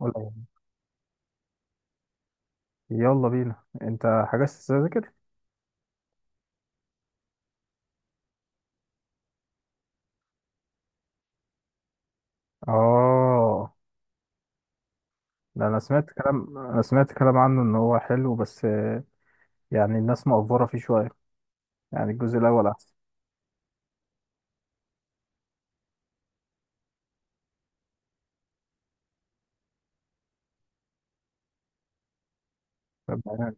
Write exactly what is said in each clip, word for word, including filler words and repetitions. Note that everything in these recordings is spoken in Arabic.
ولا يهمك. يلا بينا، انت حجزت التذاكر؟ اه، ده انا سمعت كلام، انا سمعت كلام عنه ان هو حلو، بس آه، يعني الناس مقفره فيه شويه، يعني الجزء الاول احسن. طب يعني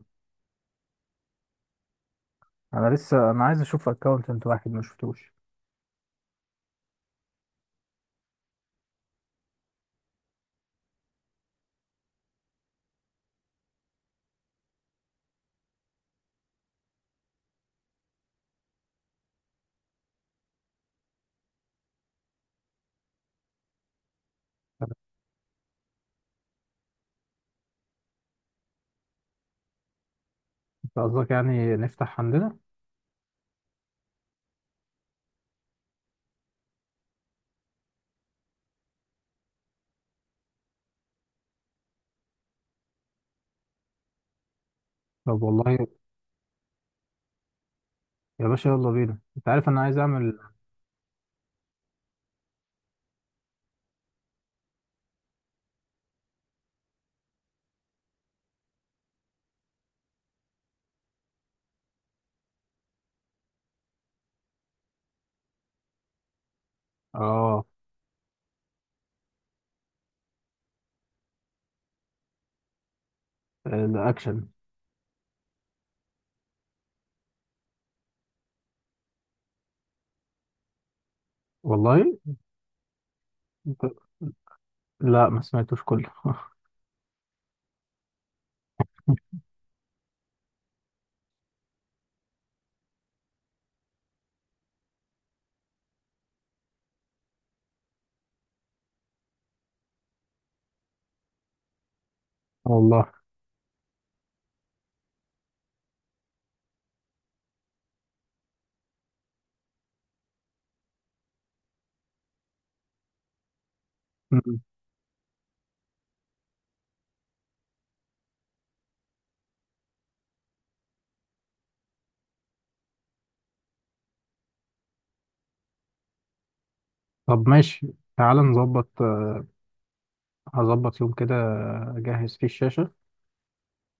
انا لسه انا عايز اشوف اكونت واحد، ما شفتوش. طب انت قصدك يعني نفتح عندنا؟ طب والله يا باشا، يلا بينا. انت عارف انا عايز اعمل؟ اه الاكشن. والله. انت... لا، ما سمعتوش كله والله. مم. طب ماشي، تعال نظبط. هظبط يوم كده، أجهز فيه الشاشة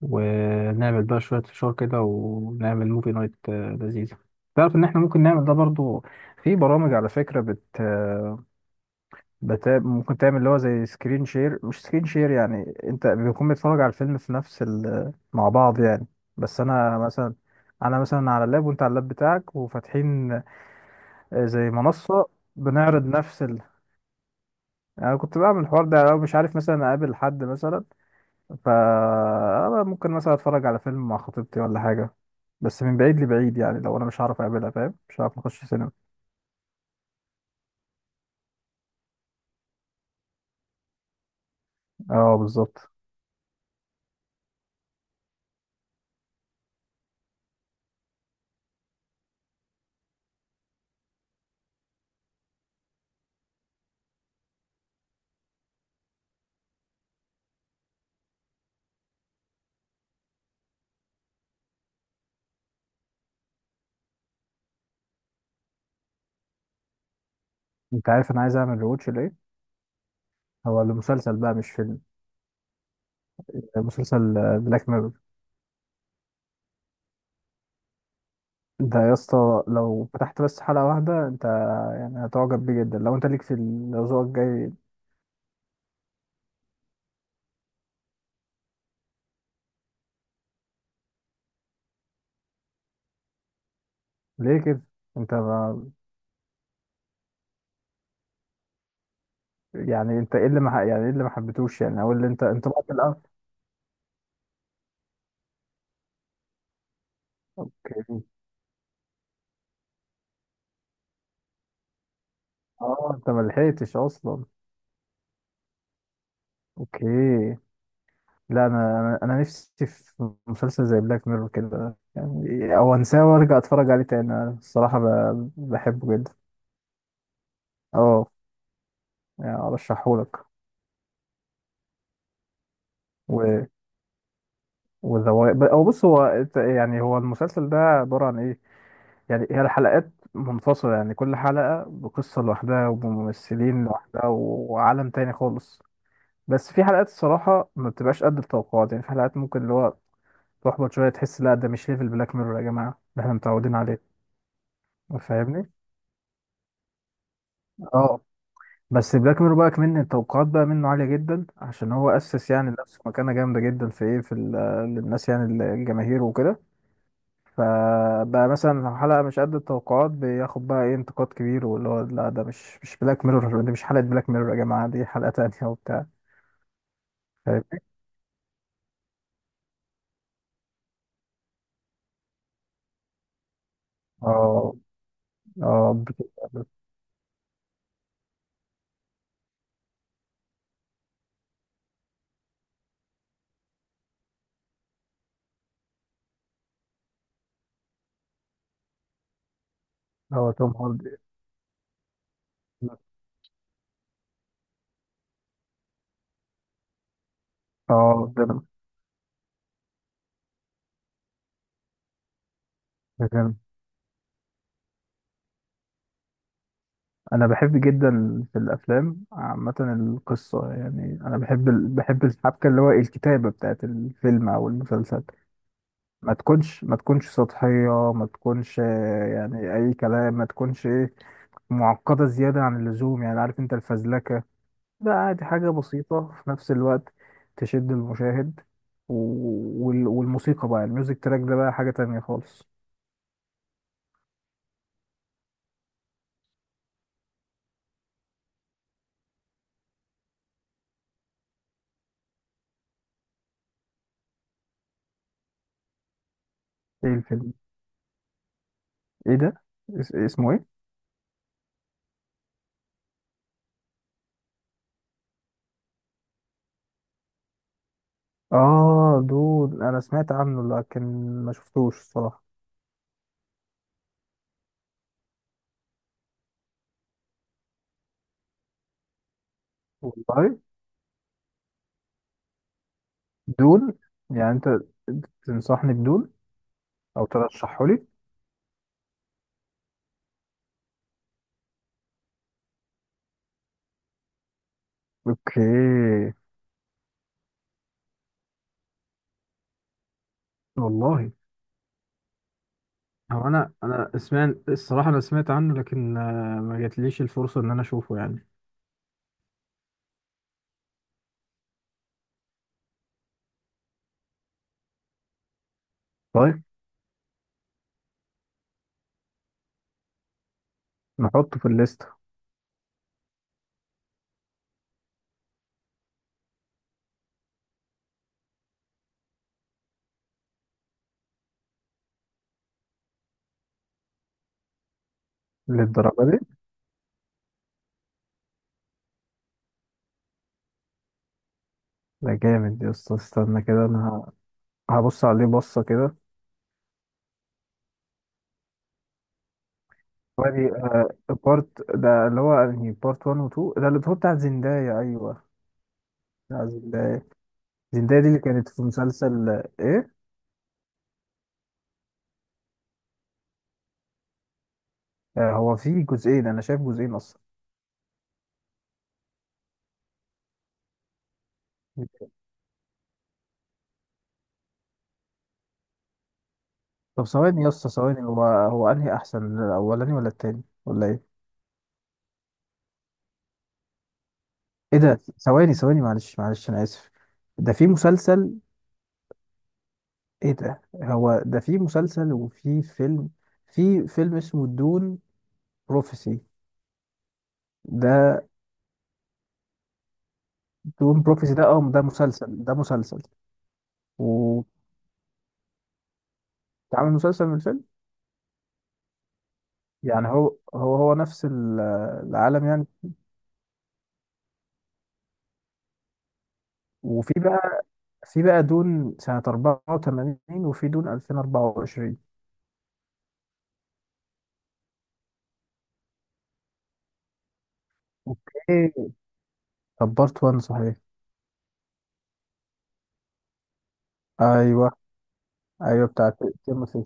ونعمل بقى شوية فشار كده، ونعمل موفي نايت، آه، لذيذة. تعرف إن إحنا ممكن نعمل ده برضو؟ في برامج على فكرة بت... آه، بت... ممكن تعمل اللي هو زي سكرين شير. مش سكرين شير يعني، أنت بيكون بيتفرج على الفيلم في نفس ال... مع بعض يعني. بس أنا مثلا، أنا مثلا على اللاب وأنت على اللاب بتاعك وفاتحين آه، زي منصة، بنعرض نفس ال... يعني أنا كنت بعمل الحوار ده لو مش عارف مثلا أقابل حد مثلا، فا ممكن مثلا اتفرج على فيلم مع خطيبتي ولا حاجة، بس من بعيد لبعيد. يعني لو انا مش هعرف اقابلها، فاهم؟ مش هعرف نخش سينما. اه بالظبط. انت عارف انا عايز اعمل ريواتش لايه؟ هو لمسلسل بقى مش فيلم، مسلسل بلاك ميرور. ده يا اسطى، لو فتحت بس حلقة واحدة انت، يعني هتعجب بيه جدا، لو انت ليك في ال- لو ذوقك جاي. ليه كده؟ انت ما يعني انت ايه اللي ما ح- يعني ايه اللي ما حبيتوش يعني، او اللي انت انت بقى في الاول. اوكي. اه انت ما لحقتش اصلا. اوكي. لا انا انا أنا نفسي في مسلسل زي بلاك ميرور كده، يعني او انساه وارجع اتفرج عليه تاني. أنا الصراحه ب- بحبه جدا. اه، يعني ارشحهولك. و وذوي او بص، هو إت- يعني هو المسلسل ده عباره عن ايه؟ يعني هي الحلقات منفصله، يعني كل حلقه بقصه لوحدها وبممثلين لوحدها وعالم تاني خالص. بس في حلقات الصراحه ما بتبقاش قد التوقعات، يعني في حلقات ممكن اللي هو تحبط شويه، تحس لا ده مش ليفل بلاك ميرور يا جماعه اللي احنا متعودين عليه. فاهمني؟ اه بس بلاك ميرور بقى كمان التوقعات بقى منه عالية جدا، عشان هو أسس يعني لنفسه مكانة جامدة جدا في إيه، في ال- آه، للناس يعني الجماهير وكده. فبقى مثلا لو حلقة مش قد التوقعات، بياخد بقى إيه، انتقاد كبير، واللي هو لا ده مش مش بلاك ميرور، دي مش حلقة بلاك ميرور يا جماعة، دي حلقة تانية وبتاع. فاهمني؟ اه اه بت- هو توم هاردي. اه بجد. انا بحب جدا في الافلام عامه القصه، يعني انا بحب ال... بحب الحبكه، اللي هو الكتابه بتاعت الفيلم او المسلسل. ما تكونش ما تكونش سطحيه، ما تكونش آه، يعني اي كلام، ما تكونش ايه، معقده زياده عن اللزوم. يعني عارف انت الفزلكه، ده عادي حاجه بسيطه في نفس الوقت، تشد المشاهد. و... وال... والموسيقى بقى، الميوزك تراك ده بقى حاجه تانية خالص. ايه الفيلم؟ ايه ده؟ اس... اسمه ايه؟ اه دون. انا سمعت عنه لكن ما شفتوش الصراحه. والله. دون. يعني انت تنصحني بدون او ترشحه لي؟ اوكي. والله هو، انا انا سمعت الصراحه، انا سمعت عنه لكن آه، ما جاتليش الفرصه ان انا اشوفه يعني. طيب، نحطه في الليست. للدرجه دي؟ ده جامد يا اسطى. استنى كده انا ه- هبص عليه بصه كده. وادي بارت، ده اللي هو انهي، بارت واحد و اتنين؟ ده اللي هو بتاع زندايا، ايوه بتاع زندايا. زندايا دي اللي كانت في مسلسل ايه؟ آه، هو فيه جزئين، انا شايف جزئين اصلا. طب ثواني يا اسطى ثواني، هو هو انهي احسن، الاولاني ولا التاني ولا ايه؟ ايه ده؟ ثواني ثواني، معلش معلش، انا اسف، ده في مسلسل؟ ايه ده، هو ده في مسلسل وفي فيلم؟ في فيلم اسمه دون بروفيسي؟ ده دون بروفيسي ده، اه ده مسلسل، ده مسلسل. واتعمل مسلسل من الفيلم؟ يعني هو هو هو نفس ال- العالم يعني. وفي بقى، في بقى دون سنة اربعة وتمانين، وفي دون ألفين واربعة وعشرين. اوكي. طب بارت واحد صحيح، ايوه. ايوه بتاعت تيموثي.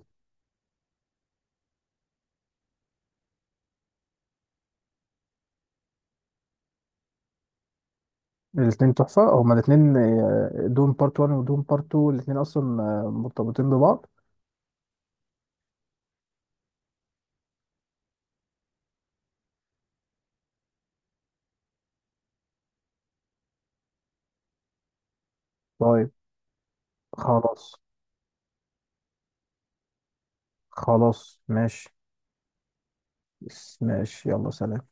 الاثنين تحفة، هما الاثنين آه، دون بارت واحد ودون بارت اتنين، الاثنين اصلا آه، مرتبطين ببعض. طيب خلاص، خلاص ماشي. ماشي، يلا سلام.